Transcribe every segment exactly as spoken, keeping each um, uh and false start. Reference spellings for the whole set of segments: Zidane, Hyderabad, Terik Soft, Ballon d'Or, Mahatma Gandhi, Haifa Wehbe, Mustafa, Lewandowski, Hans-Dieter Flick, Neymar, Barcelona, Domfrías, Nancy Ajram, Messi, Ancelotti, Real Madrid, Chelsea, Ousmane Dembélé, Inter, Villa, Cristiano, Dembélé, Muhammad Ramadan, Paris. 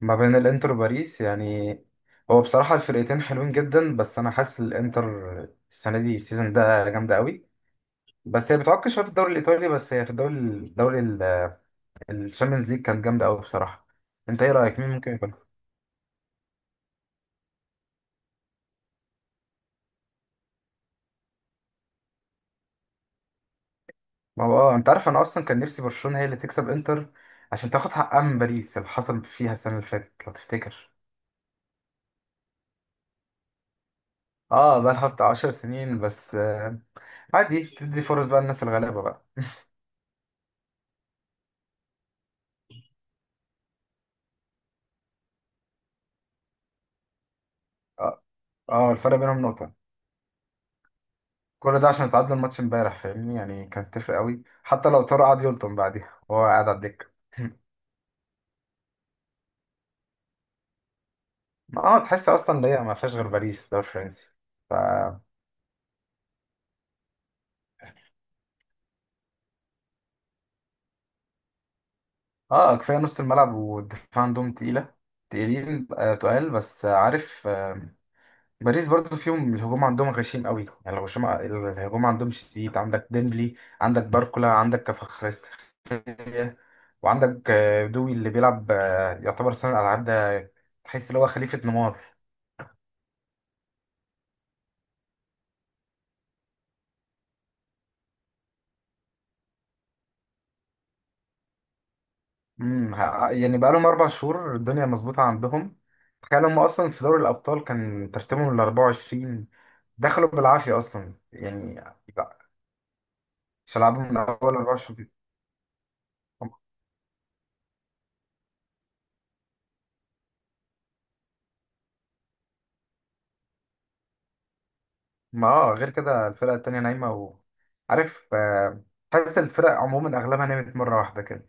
ما بين الانتر وباريس يعني. هو بصراحة الفرقتين حلوين جدا، بس انا حاسس الانتر السنة دي السيزون ده جامدة قوي. بس هي بتعك شوية في الدوري الايطالي، بس هي في الدوري الدوري الشامبيونز ليج كانت جامدة قوي بصراحة. انت ايه رأيك مين ممكن يكون؟ ما هو اه انت عارف انا اصلا كان نفسي برشلونة هي اللي تكسب انتر عشان تاخد حقها من باريس اللي حصل فيها السنة اللي فاتت لو تفتكر. اه بقى لها بتاع 10 سنين بس آه عادي تدي فرص بقى للناس الغلابة بقى. اه آه، الفرق بينهم نقطة. كل ده عشان تعادلوا الماتش امبارح، فاهمني يعني، كان تفرق قوي حتى لو طاروا، قعد يلطم بعديها وهو قاعد على الدكه. ما اه تحس اصلا ان هي ما فيهاش غير باريس الدوري الفرنسي. ف اه كفايه نص الملعب والدفاع عندهم تقيله. تقيلين آه تقال بس آه، عارف آه باريس برضو فيهم الهجوم عندهم غشيم قوي، يعني الهجوم الهجوم عندهم شديد. عندك ديمبلي، عندك باركولا، عندك كفخريستخيليا، وعندك آه، دوي اللي بيلعب، آه، يعتبر صانع العاب ده. تحس اللي هو خليفه نيمار. امم ه- يعني بقالهم اربع شهور الدنيا مظبوطه عندهم. تخيل هم اصلا في دوري الابطال كان ترتيبهم ال أربعة وعشرين، دخلوا بالعافيه اصلا يعني. لا، مش هيلعبوا من اول أربعة وعشرين. ما اه غير كده الفرقه التانيه نايمه و عارف، آه، تحس الفرق عموما اغلبها نامت مره واحده كده.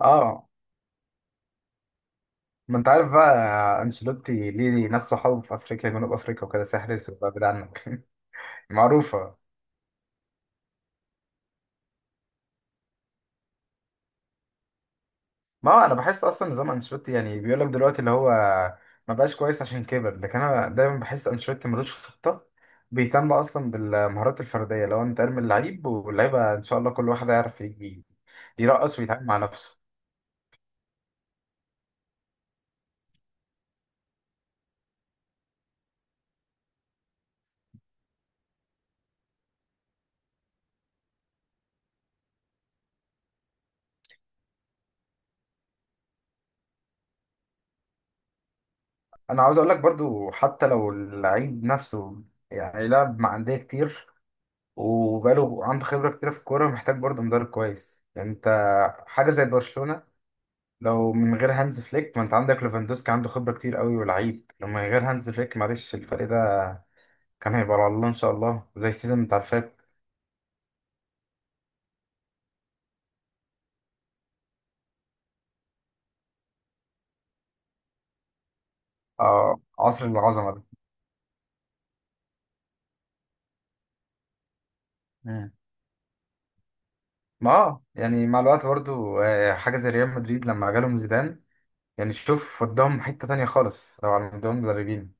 اه ما انت عارف بقى، انشيلوتي ليه ناس صحابه في افريقيا، جنوب افريقيا، وكده سحر وبقى بعيد عنك. معروفه. ما هو انا بحس اصلا نظام انشيلوتي يعني بيقول لك دلوقتي اللي هو ما بقاش كويس عشان كبر، لكن انا دايما بحس انشيلوتي ملوش خطه. بيهتم اصلا بالمهارات الفرديه، لو انت ارمي اللعيب واللعيبه ان شاء الله كل واحد هيعرف ي- يرقص ويتعامل مع نفسه. انا عاوز اقول لك برضو حتى لو اللعيب نفسه يعني لعب مع انديه كتير وبقاله عنده خبره كتير في الكوره، محتاج برضو مدرب كويس يعني، انت حاجه زي برشلونه لو من غير هانز فليك، ما انت عندك ليفاندوسكي عنده خبرة كتير قوي ولعيب، لو من غير هانز فليك معلش الفريق ده كان هيبقى على الله ان شاء الله زي السيزون بتاع اللي فات. آه عصر العظمة ده. مم. ما اه يعني مع الوقت برضو، آه، حاجة زي ريال مدريد لما جالهم زيدان، يعني شوف وداهم حتة تانية خالص لو على مدهم مدربين.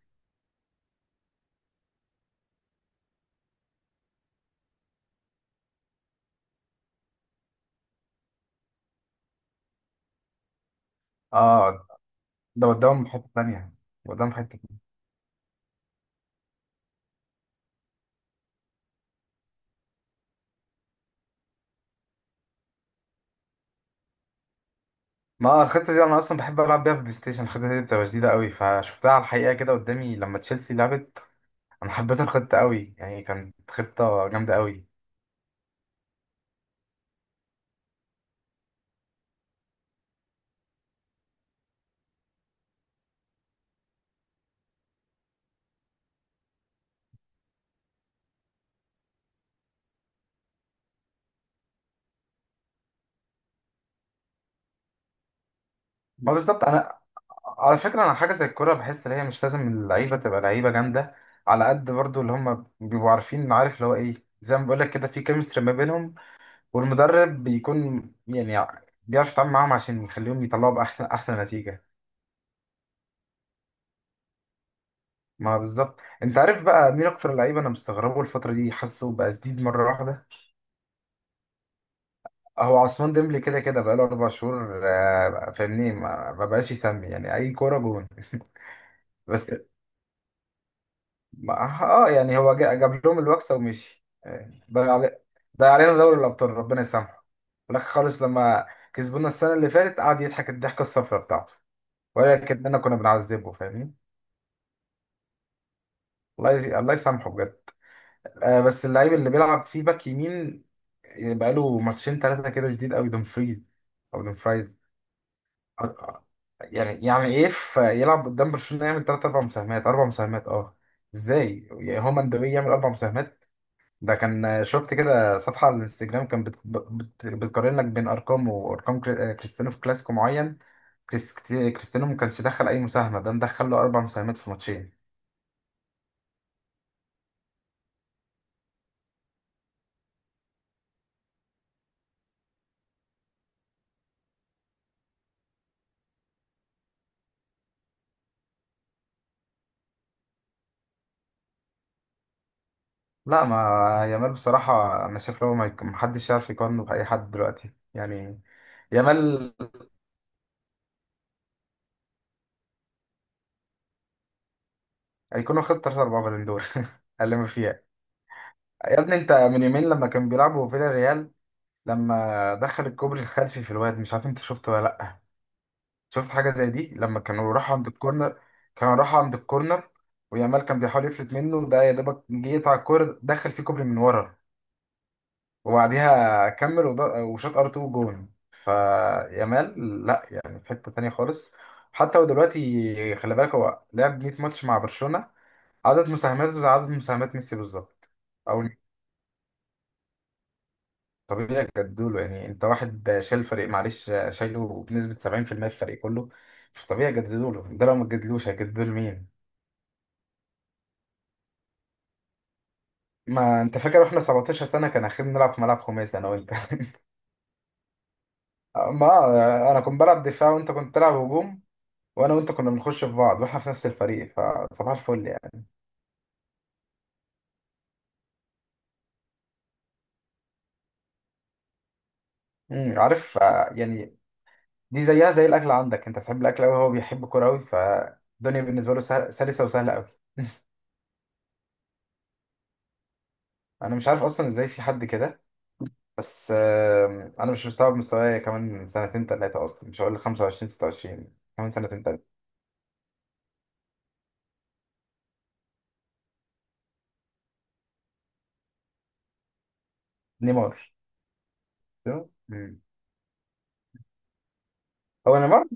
اه ده وداهم في حتة تانية. وداهم في حتة تانية. ما آه، الخطة دي أنا أصلا بحب ألعب بيها في البلاي ستيشن. الخطة دي بتبقى جديدة قوي، فشفتها على الحقيقة كده قدامي لما تشيلسي لعبت. انا حبيت الخطه قوي، يعني كانت خطه جامده قوي. ما بالظبط. انا على فكره، انا حاجه زي الكوره بحس ان هي مش لازم اللعيبه تبقى لعيبه جامده، على قد برضو اللي هم بيبقوا عارفين عارف اللي هو ايه، زي ما بقول لك كده في كيمستري ما بينهم، والمدرب بيكون يعني بيعرف يتعامل معاهم عشان يخليهم يطلعوا باحسن احسن نتيجه. ما بالظبط. انت عارف بقى مين اكتر لعيبه انا مستغربه الفتره دي، حاسه بقى جديد مره واحده. هو عثمان ديمبلي كده كده بقاله اربع شهور، آه، فاهمني، ما ما بقاش يسمي يعني اي كوره جون. بس ما- اه آه، يعني هو جا- جاب لهم الوكسه ومشي، يعني ضيع علي- ضيع علينا دوري الابطال ربنا يسامحه. في الاخر خالص لما كسبونا السنه اللي فاتت قعد يضحك الضحكه الصفراء بتاعته. ولكن انا كنا بنعذبه فاهمين. الله يز... الله يسامحه بجد. آه بس اللعيب اللي بيلعب فيه باك يمين، يعني بقاله ماتشين ثلاثه كده جديد قوي، دومفريز او دومفريز. آه، آه. يعني يعني ايه في- يلعب قدام برشلونه يعمل ثلاث اربع مساهمات، اربع مساهمات اه ازاي؟ يعني هو مندوي يعمل اربع مساهمات. ده كان شفت كده صفحة على الانستجرام كان بت... بت... بتقارن لك بين أرقام وأرقام، كري- آه، كريستيانو في كلاسيكو معين، كريس... كريستيانو ما كانش دخل أي مساهمة، ده مدخل له أربع مساهمات في ماتشين. لا ما يامال بصراحة أنا شايف، لو ما يك- محدش يعرف يقارنه بأي حد دلوقتي يعني. يامال هيكون واخد تلاتة أربعة بالون دور. اللي ما فيها. يا ابني، أنت من يومين لما كان بيلعبوا فيلا ريال، لما دخل الكوبري الخلفي في الواد، مش عارف أنت شفته ولا لأ؟ شفت حاجة زي دي لما كانوا راحوا عند الكورنر. كانوا راحوا عند الكورنر ويامال كان بيحاول يفلت منه، ده يا دوبك جه يقطع الكورة دخل فيه كوبري من ورا، وبعديها كمل وض- وشاط ار اتنين جون. فيامال لا، يعني في حتة تانية خالص. حتى هو دلوقتي خلي بالك هو لعب 100 ماتش مع برشلونة، عدد مساهماته زي عدد مساهمات ميسي بالظبط. أو طبيعي جدوله، يعني أنت واحد شايل فريق معلش، شايله بنسبة سبعين في المية في المية في الفريق كله. فطبيعي جددوله، ده لو ما تجددلوش هيجددوله مين؟ ما انت فاكر واحنا 17 سنه كان اخير بنلعب في ملعب خماسي انا وانت؟ ما انا كنت بلعب دفاع وانت كنت تلعب هجوم، وانا وانت كنا بنخش في بعض واحنا في نفس الفريق، فصباح الفل يعني. امم عارف، آه، يعني دي زيها زي الاكل. عندك انت بتحب الاكل قوي، هو بيحب الكوره قوي، فالدنيا بالنسبه له سهل- سلسه وسهله قوي. انا مش عارف اصلا ازاي في حد كده. بس آم، انا مش مستوعب مستواي كمان سنتين ثلاثه، اصلا مش هقول خمسة وعشرين ستة وعشرين، كمان سنتين ثلاثه. نيمار. تمام؟ مم. هو نيمار.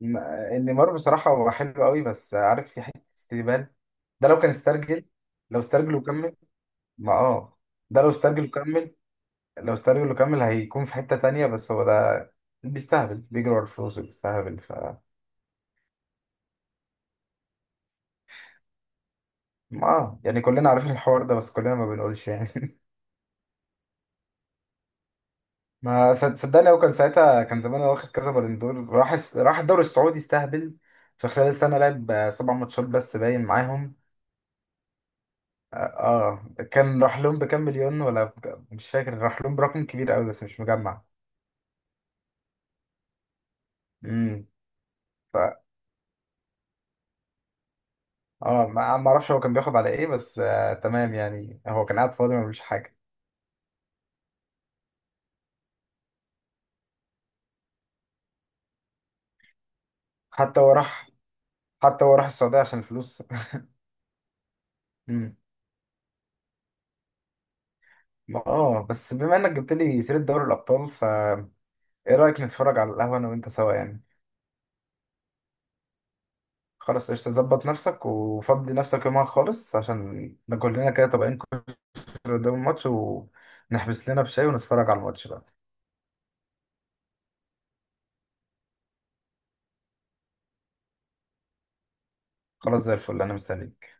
م- نيمار بصراحة هو حلو قوي بس عارف في حتة استهبال، ده لو كان استرجل، لو استرجل وكمل. ما اه ده لو استرجل وكمل، لو استرجل وكمل هيكون في حتة تانية، بس هو ده بيستهبل بيجري ورا الفلوس بيستهبل. ف ما آه. يعني كلنا عارفين الحوار ده بس كلنا ما بنقولش يعني. ما صد- صدقني هو كان ساعتها، كان زمان هو واخد كذا بالون دور، راح الس- راح الدوري السعودي استهبل، في خلال سنة لعب سبع ماتشات بس باين معاهم. اه كان راح لهم بكام مليون ولا بك- مش فاكر، راح لهم برقم كبير قوي بس مش مجمع. امم ف اه ما ما اعرفش هو كان بياخد على ايه، بس آه تمام، يعني هو كان قاعد فاضي ما بيعملش حاجه. حتى هو راح حتى هو راح السعوديه عشان الفلوس. امم ما- اه بس بما انك جبت لي سيره دوري الابطال، ف ايه رايك نتفرج على القهوه انا وانت سوا يعني؟ خلاص قشطة، ظبط نفسك وفضي نفسك يومها خالص عشان ناكل لنا كده طبقين كشري قدام الماتش، ونحبس لنا بشاي ونتفرج على الماتش بقى. خلاص زي الفل، انا مستني.